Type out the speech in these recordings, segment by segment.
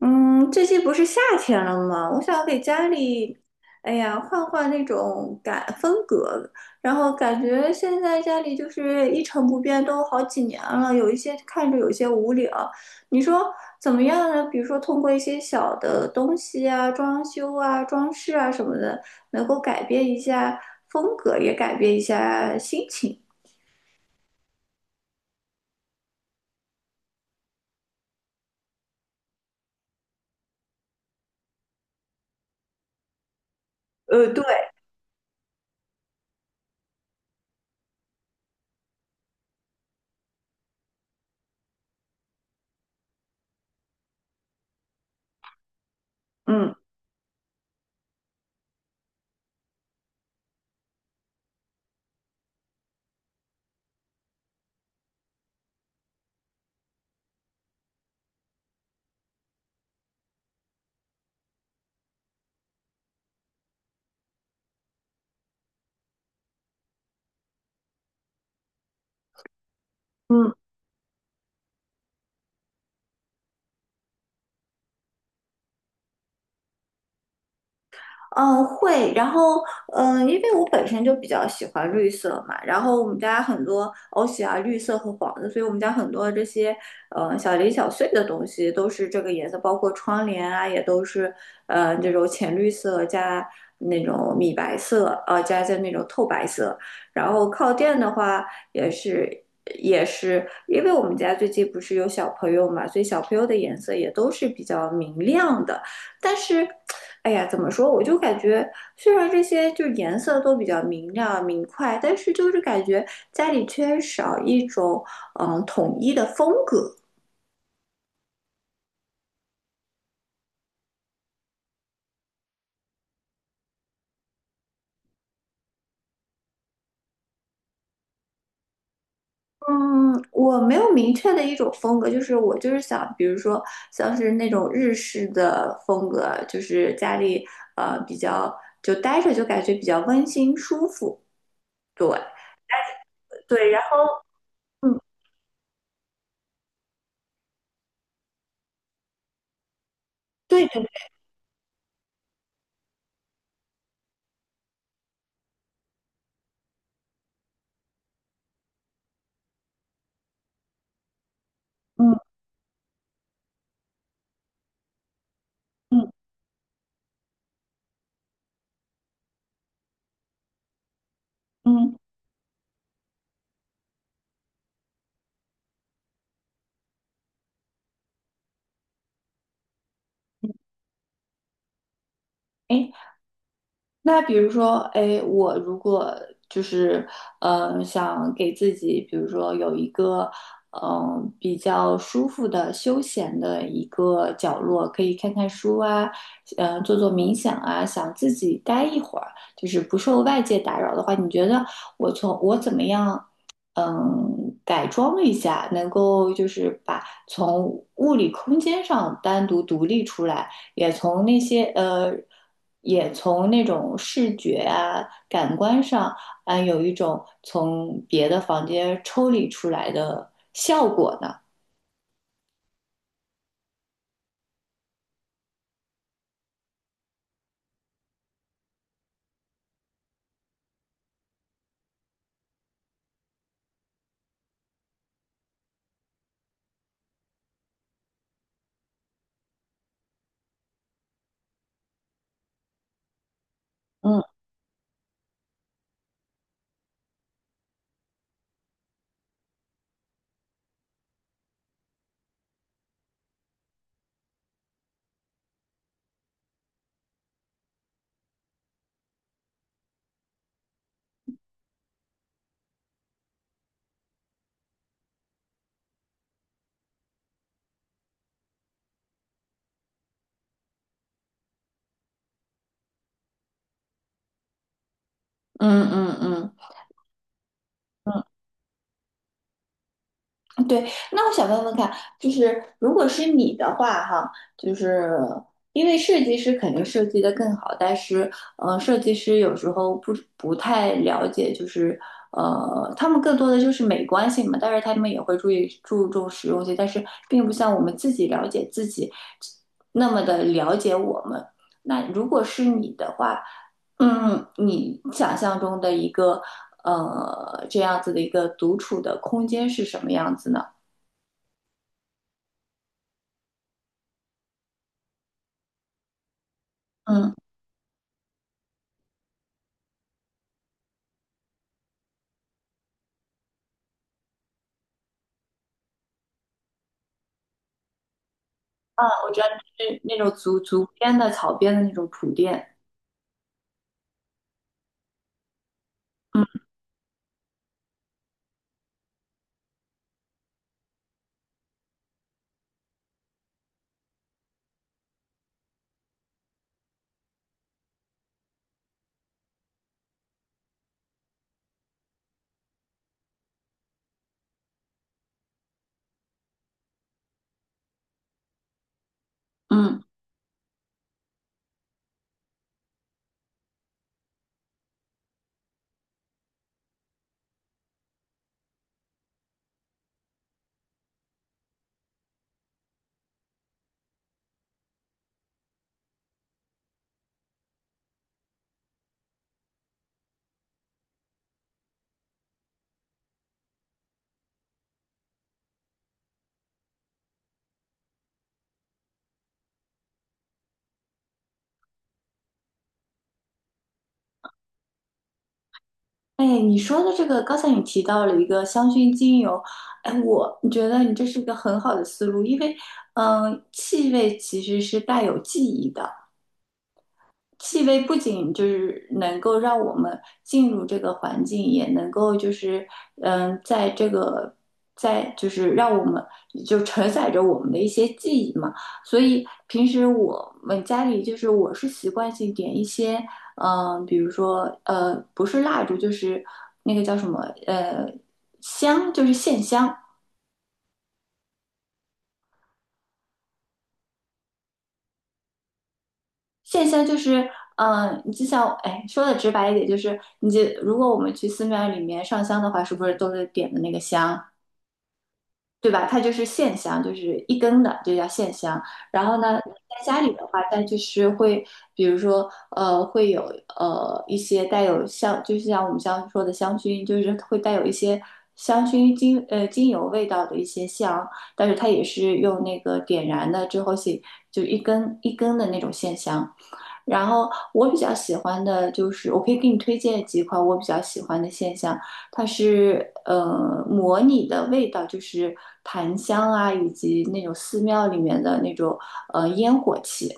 嗯，最近不是夏天了吗？我想给家里，哎呀，换换那种感风格。然后感觉现在家里就是一成不变，都好几年了，有一些看着有些无聊。你说怎么样呢？比如说通过一些小的东西啊、装修啊、装饰啊什么的，能够改变一下风格，也改变一下心情。对，嗯。嗯。嗯，会。然后，因为我本身就比较喜欢绿色嘛，然后我们家很多欧喜啊，绿色和黄色，所以我们家很多这些，小零小碎的东西都是这个颜色，包括窗帘啊，也都是，这种浅绿色加那种米白色，加那种透白色。然后靠垫的话，也是，也是，因为我们家最近不是有小朋友嘛，所以小朋友的颜色也都是比较明亮的。但是哎呀，怎么说？我就感觉，虽然这些就是颜色都比较明亮明快，但是就是感觉家里缺少一种统一的风格。嗯，我没有明确的一种风格，就是我就是想，比如说像是那种日式的风格，就是家里比较就待着就感觉比较温馨舒服。对，然后嗯，对对对，嗯嗯嗯，哎，那比如说，哎，我如果就是想给自己，比如说有一个比较舒服的休闲的一个角落，可以看看书啊，做做冥想啊，想自己待一会儿，就是不受外界打扰的话，你觉得我从我怎么样？嗯，改装一下，能够就是把从物理空间上单独独立出来，也从那些也从那种视觉啊、感官上啊，有一种从别的房间抽离出来的效果呢。嗯嗯嗯嗯。对，那我想问问看，就是如果是你的话，哈，就是因为设计师肯定设计的更好，但是，设计师有时候不太了解，就是，他们更多的就是美观性嘛，但是他们也会注意注重实用性，但是并不像我们自己了解自己那么的了解我们。那如果是你的话，嗯，你想象中的一个，这样子的一个独处的空间是什么样子呢？嗯，我觉得是那种竹编的草编的那种铺垫。嗯嗯，哎，你说的这个，刚才你提到了一个香薰精油，哎，我觉得你这是一个很好的思路，因为嗯，气味其实是带有记忆的。气味不仅就是能够让我们进入这个环境，也能够就是嗯，在这个在就是让我们就承载着我们的一些记忆嘛。所以平时我们家里就是我是习惯性点一些嗯，比如说不是蜡烛就是那个叫什么呃香，就是线香。线香就是，你就像，哎，说的直白一点，就是你就如果我们去寺庙里面上香的话，是不是都是点的那个香？对吧？它就是线香，就是一根的，就叫线香。然后呢，在家里的话，它就是会，比如说，会有一些带有香，就是像我们刚刚说的香薰，就是会带有一些香薰精呃精油味道的一些香，但是它也是用那个点燃的之后是就一根一根的那种线香。然后我比较喜欢的就是，我可以给你推荐几款我比较喜欢的线香。它是模拟的味道，就是檀香啊，以及那种寺庙里面的那种烟火气。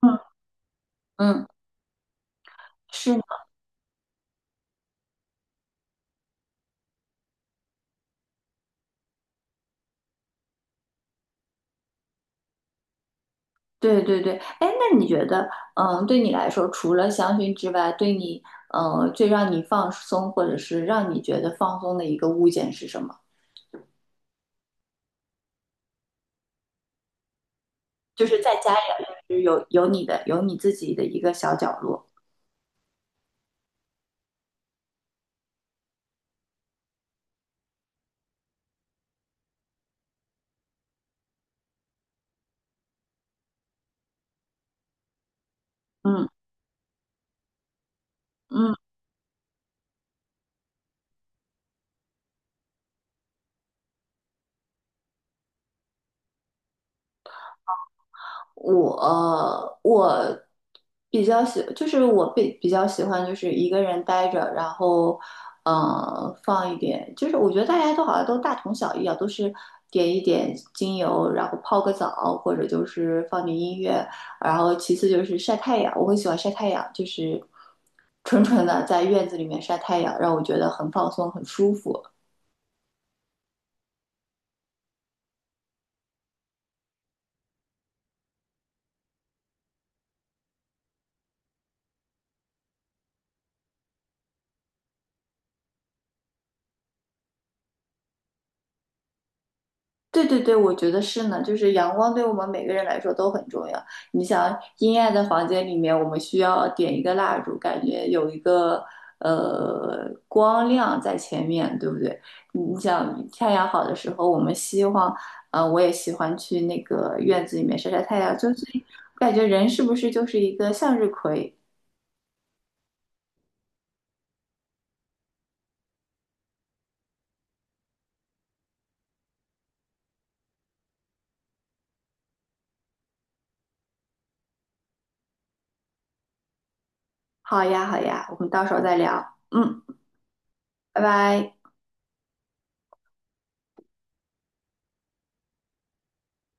嗯，嗯，是吗？对对对。哎，那你觉得，嗯，对你来说，除了香薰之外，对你，最让你放松，或者是让你觉得放松的一个物件是什么？就是在家里，就是有你的，有你自己的一个小角落。嗯嗯。我比较喜，就是我比较喜欢就是一个人待着，然后放一点，就是我觉得大家都好像都大同小异啊，都是点一点精油，然后泡个澡，或者就是放点音乐，然后其次就是晒太阳，我很喜欢晒太阳，就是纯纯的在院子里面晒太阳，让我觉得很放松，很舒服。对对对，我觉得是呢，就是阳光对我们每个人来说都很重要。你想，阴暗的房间里面，我们需要点一个蜡烛，感觉有一个光亮在前面，对不对？你你想，太阳好的时候，我们希望，我也喜欢去那个院子里面晒晒太阳，就是我感觉人是不是就是一个向日葵？好呀，好呀，我们到时候再聊。嗯，拜拜。